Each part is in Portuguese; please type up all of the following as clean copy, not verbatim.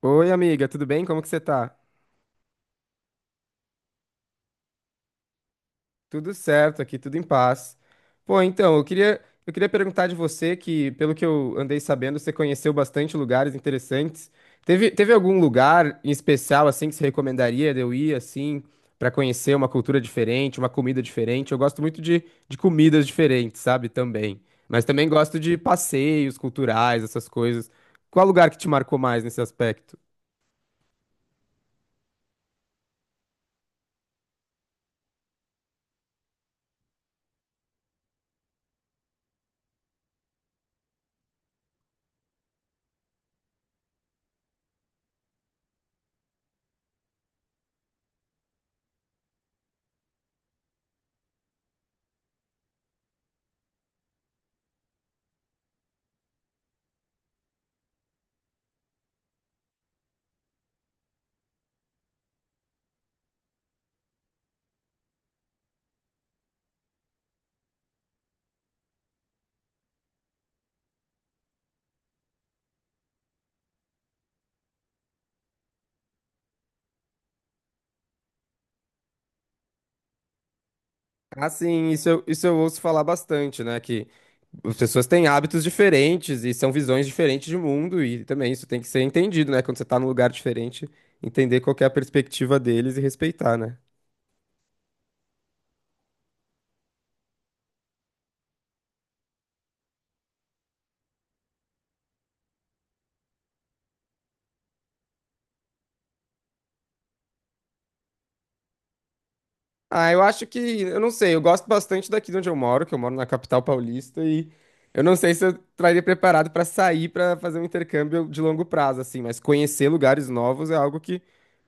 Oi, amiga, tudo bem? Como que você tá? Tudo certo aqui, tudo em paz. Pô, então, eu queria perguntar de você que, pelo que eu andei sabendo, você conheceu bastante lugares interessantes. Teve algum lugar em especial, assim, que você recomendaria de eu ir, assim, pra conhecer uma cultura diferente, uma comida diferente? Eu gosto muito de comidas diferentes, sabe, também. Mas também gosto de passeios culturais, essas coisas. Qual lugar que te marcou mais nesse aspecto? Ah, sim, isso eu ouço falar bastante, né? Que as pessoas têm hábitos diferentes e são visões diferentes de mundo, e também isso tem que ser entendido, né? Quando você tá num lugar diferente, entender qual que é a perspectiva deles e respeitar, né? Ah, eu acho que, eu não sei, eu gosto bastante daqui de onde eu moro, que eu moro na capital paulista, e eu não sei se eu estaria preparado para sair para fazer um intercâmbio de longo prazo, assim, mas conhecer lugares novos é algo que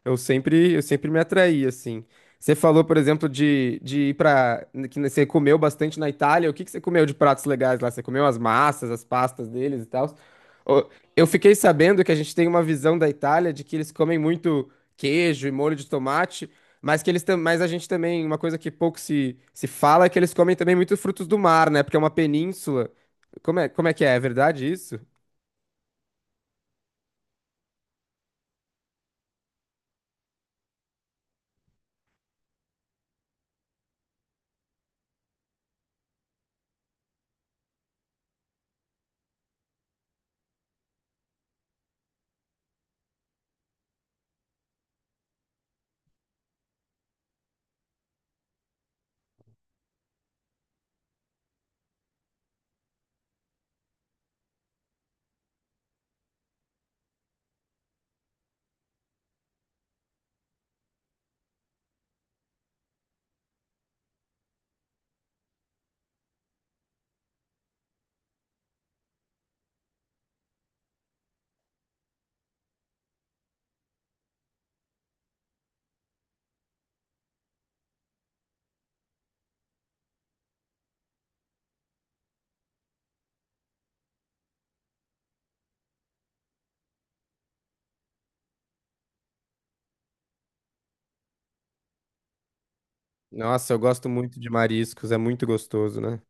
eu sempre me atraí, assim. Você falou, por exemplo, de ir para, que você comeu bastante na Itália, o que que você comeu de pratos legais lá? Você comeu as massas, as pastas deles e tal? Ô, eu fiquei sabendo que a gente tem uma visão da Itália de que eles comem muito queijo e molho de tomate, mas que mas a gente também, uma coisa que pouco se fala é que eles comem também muitos frutos do mar, né? Porque é uma península. Como é que é? É verdade isso? Nossa, eu gosto muito de mariscos, é muito gostoso, né?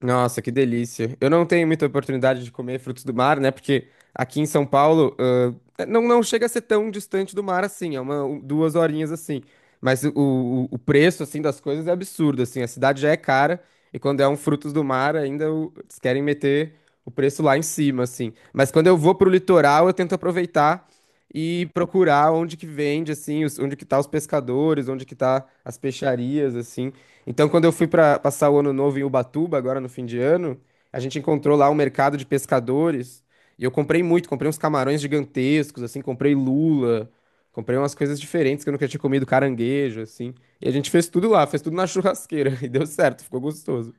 Nossa, que delícia. Eu não tenho muita oportunidade de comer frutos do mar, né? Porque aqui em São Paulo, não chega a ser tão distante do mar assim, é uma, um- duas horinhas assim. Mas o preço, assim, das coisas é absurdo, assim. A cidade já é cara e quando é um frutos do mar, ainda o- eles querem meter o preço lá em cima, assim. Mas quando eu vou pro litoral, eu tento aproveitar e procurar onde que vende, assim, os- onde que tá os pescadores, onde que tá as peixarias, assim. Então, quando eu fui para passar o ano novo em Ubatuba, agora no fim de ano, a gente encontrou lá um mercado de pescadores e eu comprei muito, comprei uns camarões gigantescos, assim, comprei lula, comprei umas coisas diferentes que eu nunca tinha comido, caranguejo, assim. E a gente fez tudo lá, fez tudo na churrasqueira e deu certo, ficou gostoso.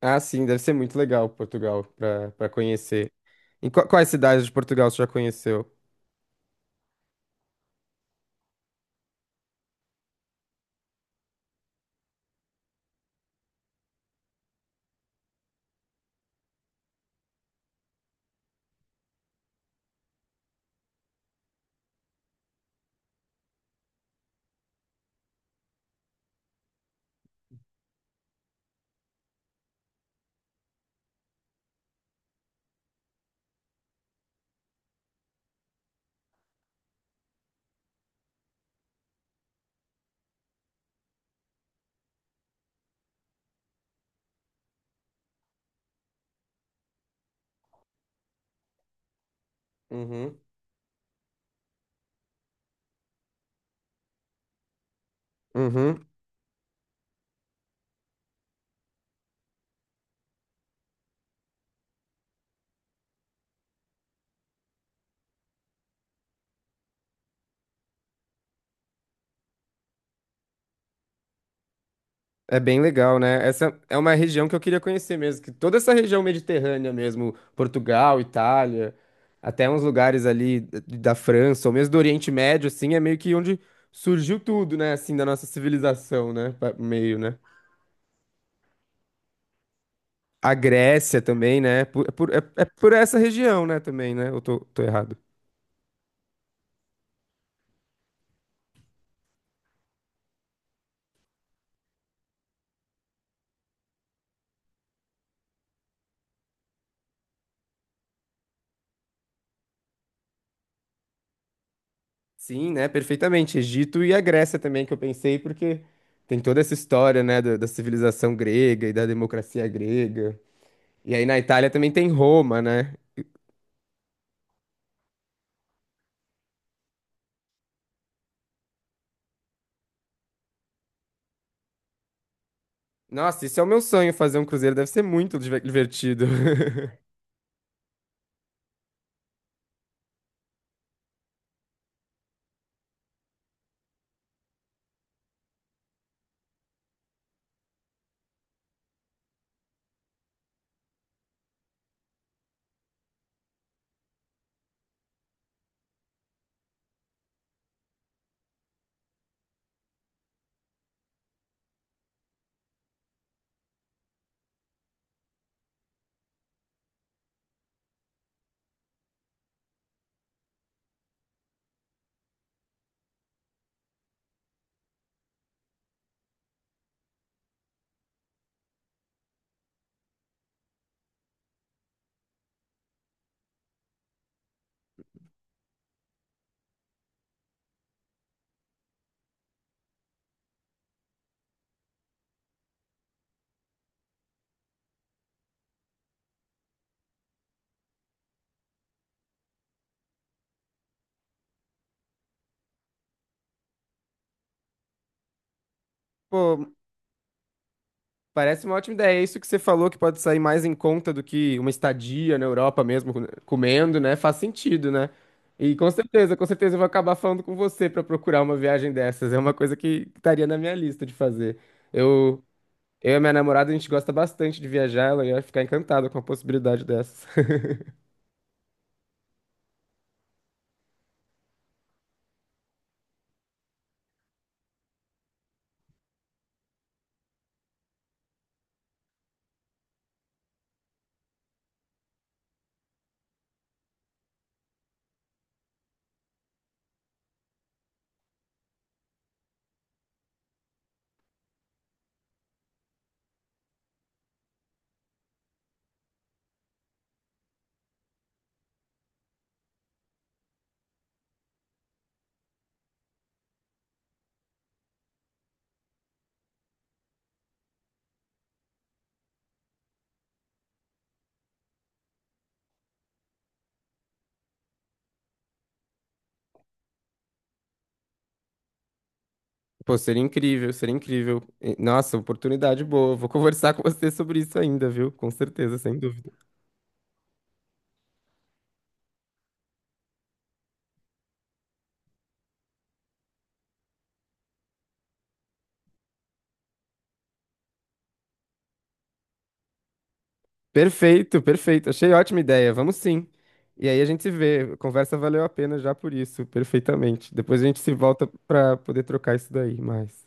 Ah, sim, deve ser muito legal Portugal para para conhecer. Em qua- quais cidades de Portugal você já conheceu? Uhum. Uhum. É bem legal, né? Essa é uma região que eu queria conhecer mesmo, que toda essa região mediterrânea mesmo, Portugal, Itália, até uns lugares ali da França, ou mesmo do Oriente Médio, assim, é meio que onde surgiu tudo, né? Assim, da nossa civilização, né? Pa- Meio, né? A Grécia também, né? Por- é por essa região, né? Também, né? Eu tô, tô errado. Sim, né? Perfeitamente. Egito e a Grécia também, que eu pensei, porque tem toda essa história, né? Da civilização grega e da democracia grega. E aí na Itália também tem Roma, né? Nossa, isso é o meu sonho, fazer um cruzeiro. Deve ser muito diver- divertido. Pô, parece uma ótima ideia. É isso que você falou que pode sair mais em conta do que uma estadia na Europa mesmo, com- comendo, né? Faz sentido, né? E com certeza eu vou acabar falando com você pra procurar uma viagem dessas. É uma coisa que estaria na minha lista de fazer. Eu, eu e a minha namorada, a gente gosta bastante de viajar. Ela ia ficar encantada com a possibilidade dessas. Pô, seria incrível, seria incrível. E- Nossa, oportunidade boa. Vou conversar com você sobre isso ainda, viu? Com certeza, sem dúvida. Perfeito, perfeito. Achei ótima ideia. Vamos sim. E aí a gente se vê. A conversa valeu a pena já por isso, perfeitamente. Depois a gente se volta pra poder trocar isso daí mais.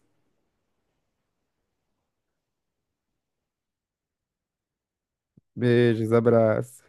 Beijos, abraço.